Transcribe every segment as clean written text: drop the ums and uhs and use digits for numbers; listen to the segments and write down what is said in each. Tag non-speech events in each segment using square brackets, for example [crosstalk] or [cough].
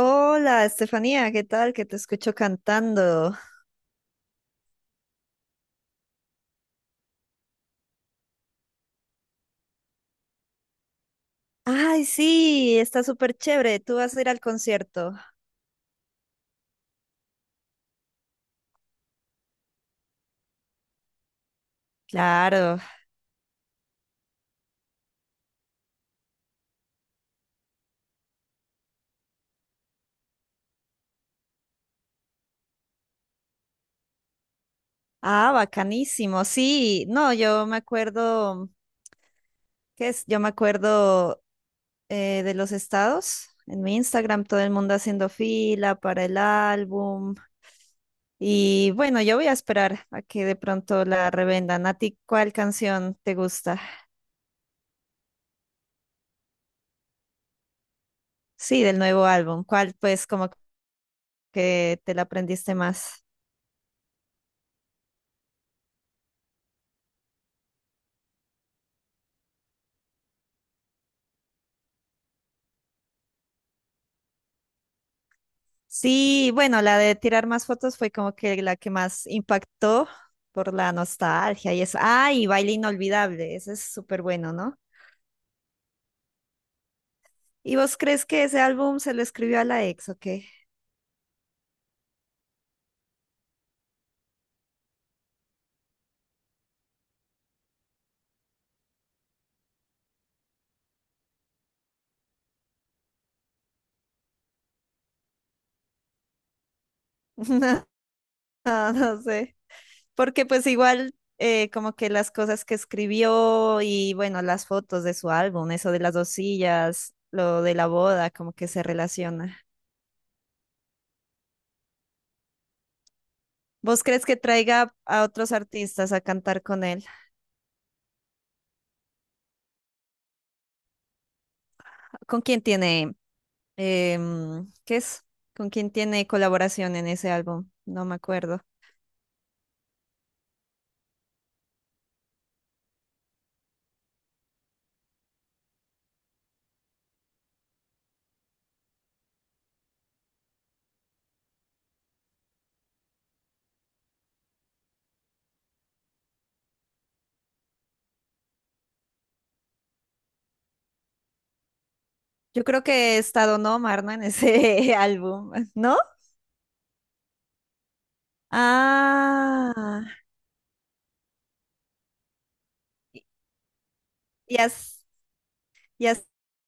Hola, Estefanía, ¿qué tal? Que te escucho cantando. Ay, sí, está súper chévere. ¿Tú vas a ir al concierto? Claro. Ah, bacanísimo. Sí, no, yo me acuerdo, ¿qué es? Yo me acuerdo de los estados. En mi Instagram todo el mundo haciendo fila para el álbum. Y bueno, yo voy a esperar a que de pronto la revendan. ¿A ti cuál canción te gusta? Sí, del nuevo álbum. ¿Cuál pues como que te la aprendiste más? Sí, bueno, la de tirar más fotos fue como que la que más impactó por la nostalgia y eso. Ah, y Baile Inolvidable, ese es súper bueno, ¿no? ¿Y vos crees que ese álbum se lo escribió a la ex o qué? [laughs] No, no sé. Porque pues igual como que las cosas que escribió y bueno, las fotos de su álbum, eso de las dos sillas, lo de la boda, como que se relaciona. ¿Vos crees que traiga a otros artistas a cantar con él? ¿Con quién tiene? ¿Qué es? ¿Con quién tiene colaboración en ese álbum? No me acuerdo. Yo creo que está Don Omar, ¿no? En ese [laughs] álbum, ¿no? Ah, y as- y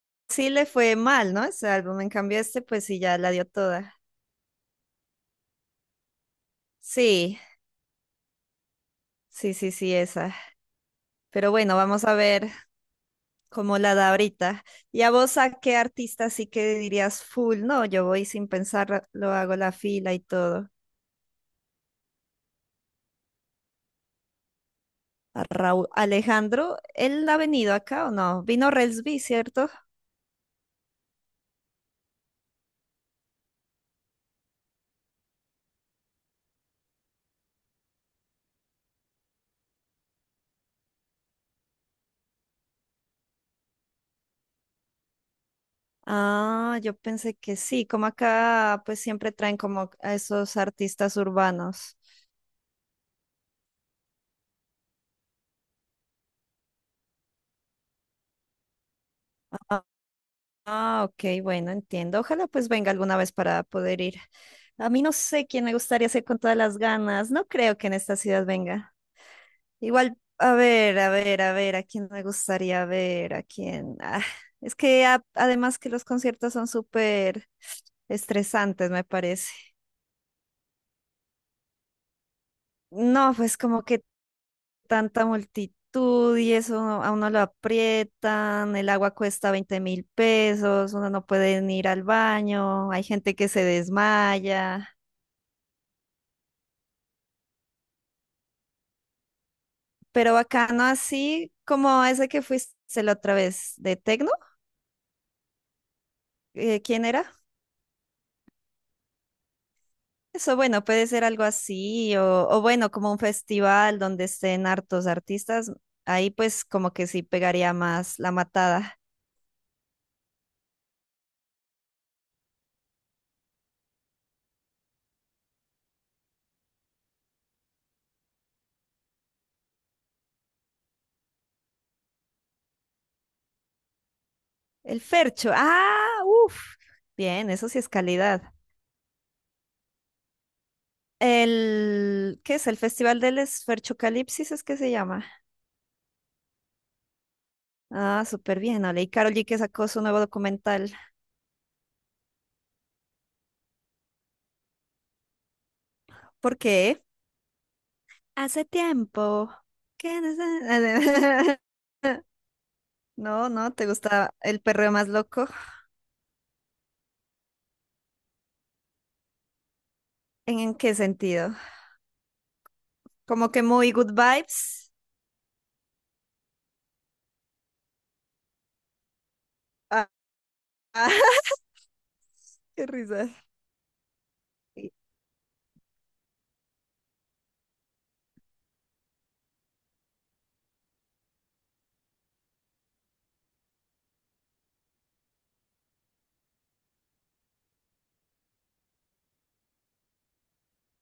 así le fue mal, ¿no? Ese álbum. En cambio, este, pues sí, ya la dio toda. Sí, sí, sí, sí, esa. Pero bueno, vamos a ver cómo la da ahorita. ¿Y a vos a qué artista sí que dirías full? No, yo voy sin pensar, lo hago la fila y todo. A Raúl Alejandro, ¿él ha venido acá o no? Vino Relsby, ¿cierto? Ah, yo pensé que sí, como acá pues siempre traen como a esos artistas urbanos. Ah, ah, ok, bueno, entiendo. Ojalá pues venga alguna vez para poder ir. A mí no sé quién me gustaría ser con todas las ganas. No creo que en esta ciudad venga. Igual, a ver, a ver, a ver, a quién me gustaría ver, a quién. Ah, es que además que los conciertos son súper estresantes, me parece. No, pues como que tanta multitud y eso a uno lo aprietan, el agua cuesta 20.000 pesos, uno no puede ni ir al baño, hay gente que se desmaya, pero bacano así como ese que fuiste la otra vez de Tecno, ¿quién era? Eso bueno, puede ser algo así o bueno, como un festival donde estén hartos artistas, ahí pues como que sí pegaría más la matada. El Fercho, ah, uff, bien, eso sí es calidad. ¿Qué es? El Festival del Esferchocalipsis es que se llama. Ah, súper bien, Ale. Y Karol G que sacó su nuevo documental. ¿Por qué? Hace tiempo. ¿Qué? No sé. [laughs] No, no, ¿te gusta el perreo más loco? ¿En qué sentido? Como que muy good vibes. Ah, ah, [laughs] qué risa. Y-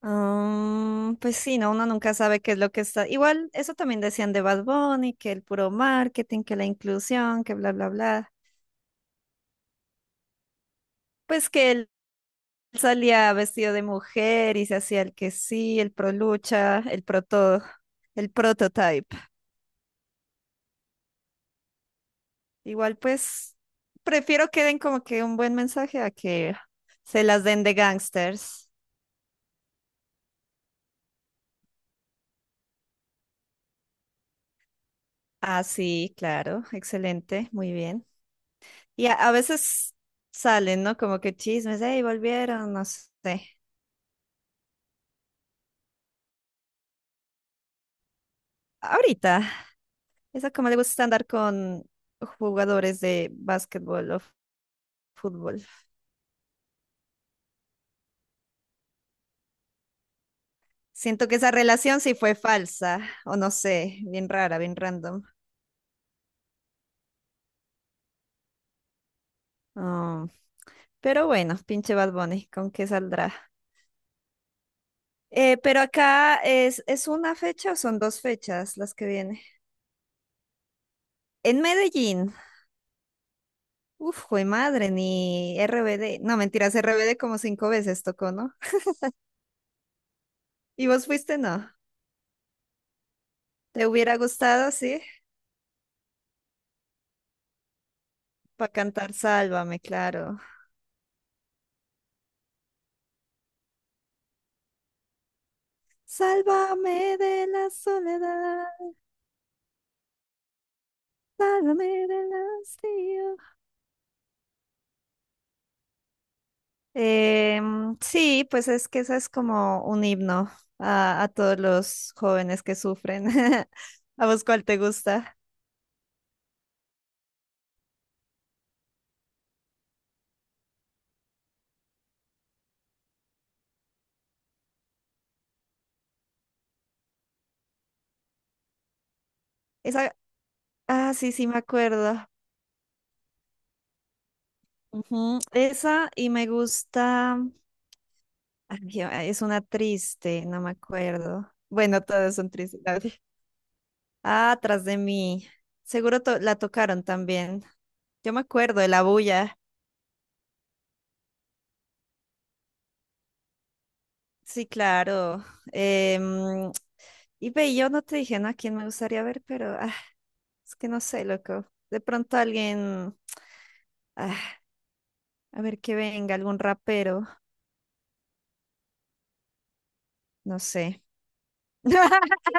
pues sí, no, uno nunca sabe qué es lo que está. Igual, eso también decían de Bad Bunny, que el puro marketing, que la inclusión, que bla, bla, bla. Pues que él salía vestido de mujer y se hacía el que sí, el pro lucha, el pro todo, el prototype. Igual, pues prefiero que den como que un buen mensaje a que se las den de gangsters. Ah, sí, claro, excelente, muy bien. Y a veces salen, ¿no? Como que chismes, hey, volvieron, no sé. Ahorita, esa como le gusta andar con jugadores de básquetbol o fútbol. Siento que esa relación sí fue falsa, o no sé, bien rara, bien random. Oh, pero bueno, pinche Bad Bunny, ¿con qué saldrá? Pero acá ¿es una fecha o son dos fechas las que viene? En Medellín, uf, jue madre, ni RBD, no mentiras, RBD como cinco veces tocó, ¿no? ¿Y vos fuiste, no? ¿Te hubiera gustado, sí? Para cantar Sálvame, claro. Sálvame de la soledad, sálvame del hastío. Sí, pues es que esa es como un himno a todos los jóvenes que sufren. [laughs] ¿A vos cuál te gusta? Esa, ah, sí, sí, me acuerdo. Ujú, esa y me gusta, ay, es una triste, no me acuerdo. Bueno, todas son tristes. [laughs] Ah, atrás de mí. Seguro la tocaron también. Yo me acuerdo de la bulla. Sí, claro. Em, y ve, yo no te dije, ¿no? A quién me gustaría ver, pero ah, es que no sé, loco. De pronto alguien, ah, a ver que venga, algún rapero, no sé. [laughs]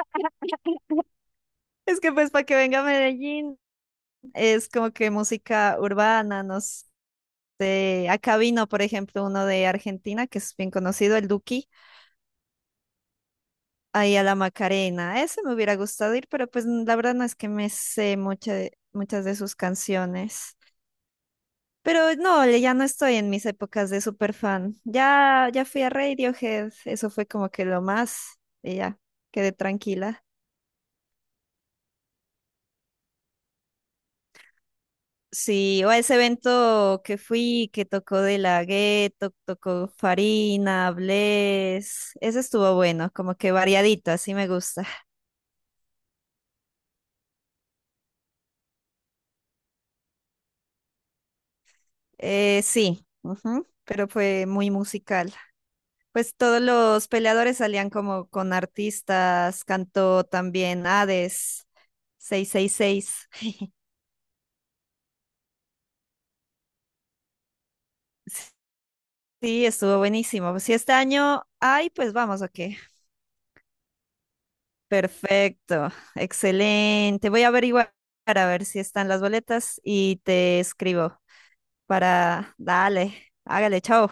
Es que pues para que venga a Medellín es como que música urbana, no sé. Acá vino, por ejemplo, uno de Argentina que es bien conocido, el Duki, ahí a la Macarena. Ese me hubiera gustado ir, pero pues la verdad no es que me sé mucha muchas de sus canciones. Pero no, ya no estoy en mis épocas de super fan. Ya, ya fui a Radiohead, eso fue como que lo más, y ya, quedé tranquila. Sí, o a ese evento que fui, que tocó De La Ghetto, tocó Farina, Bless, ese estuvo bueno, como que variadito, así me gusta. Sí, ujú, pero fue muy musical. Pues todos los peleadores salían como con artistas, cantó también Hades 666. [laughs] Sí, estuvo buenísimo. Si este año hay, pues vamos, ok. Perfecto, excelente. Voy a averiguar para ver si están las boletas y te escribo para. Dale, hágale, chao.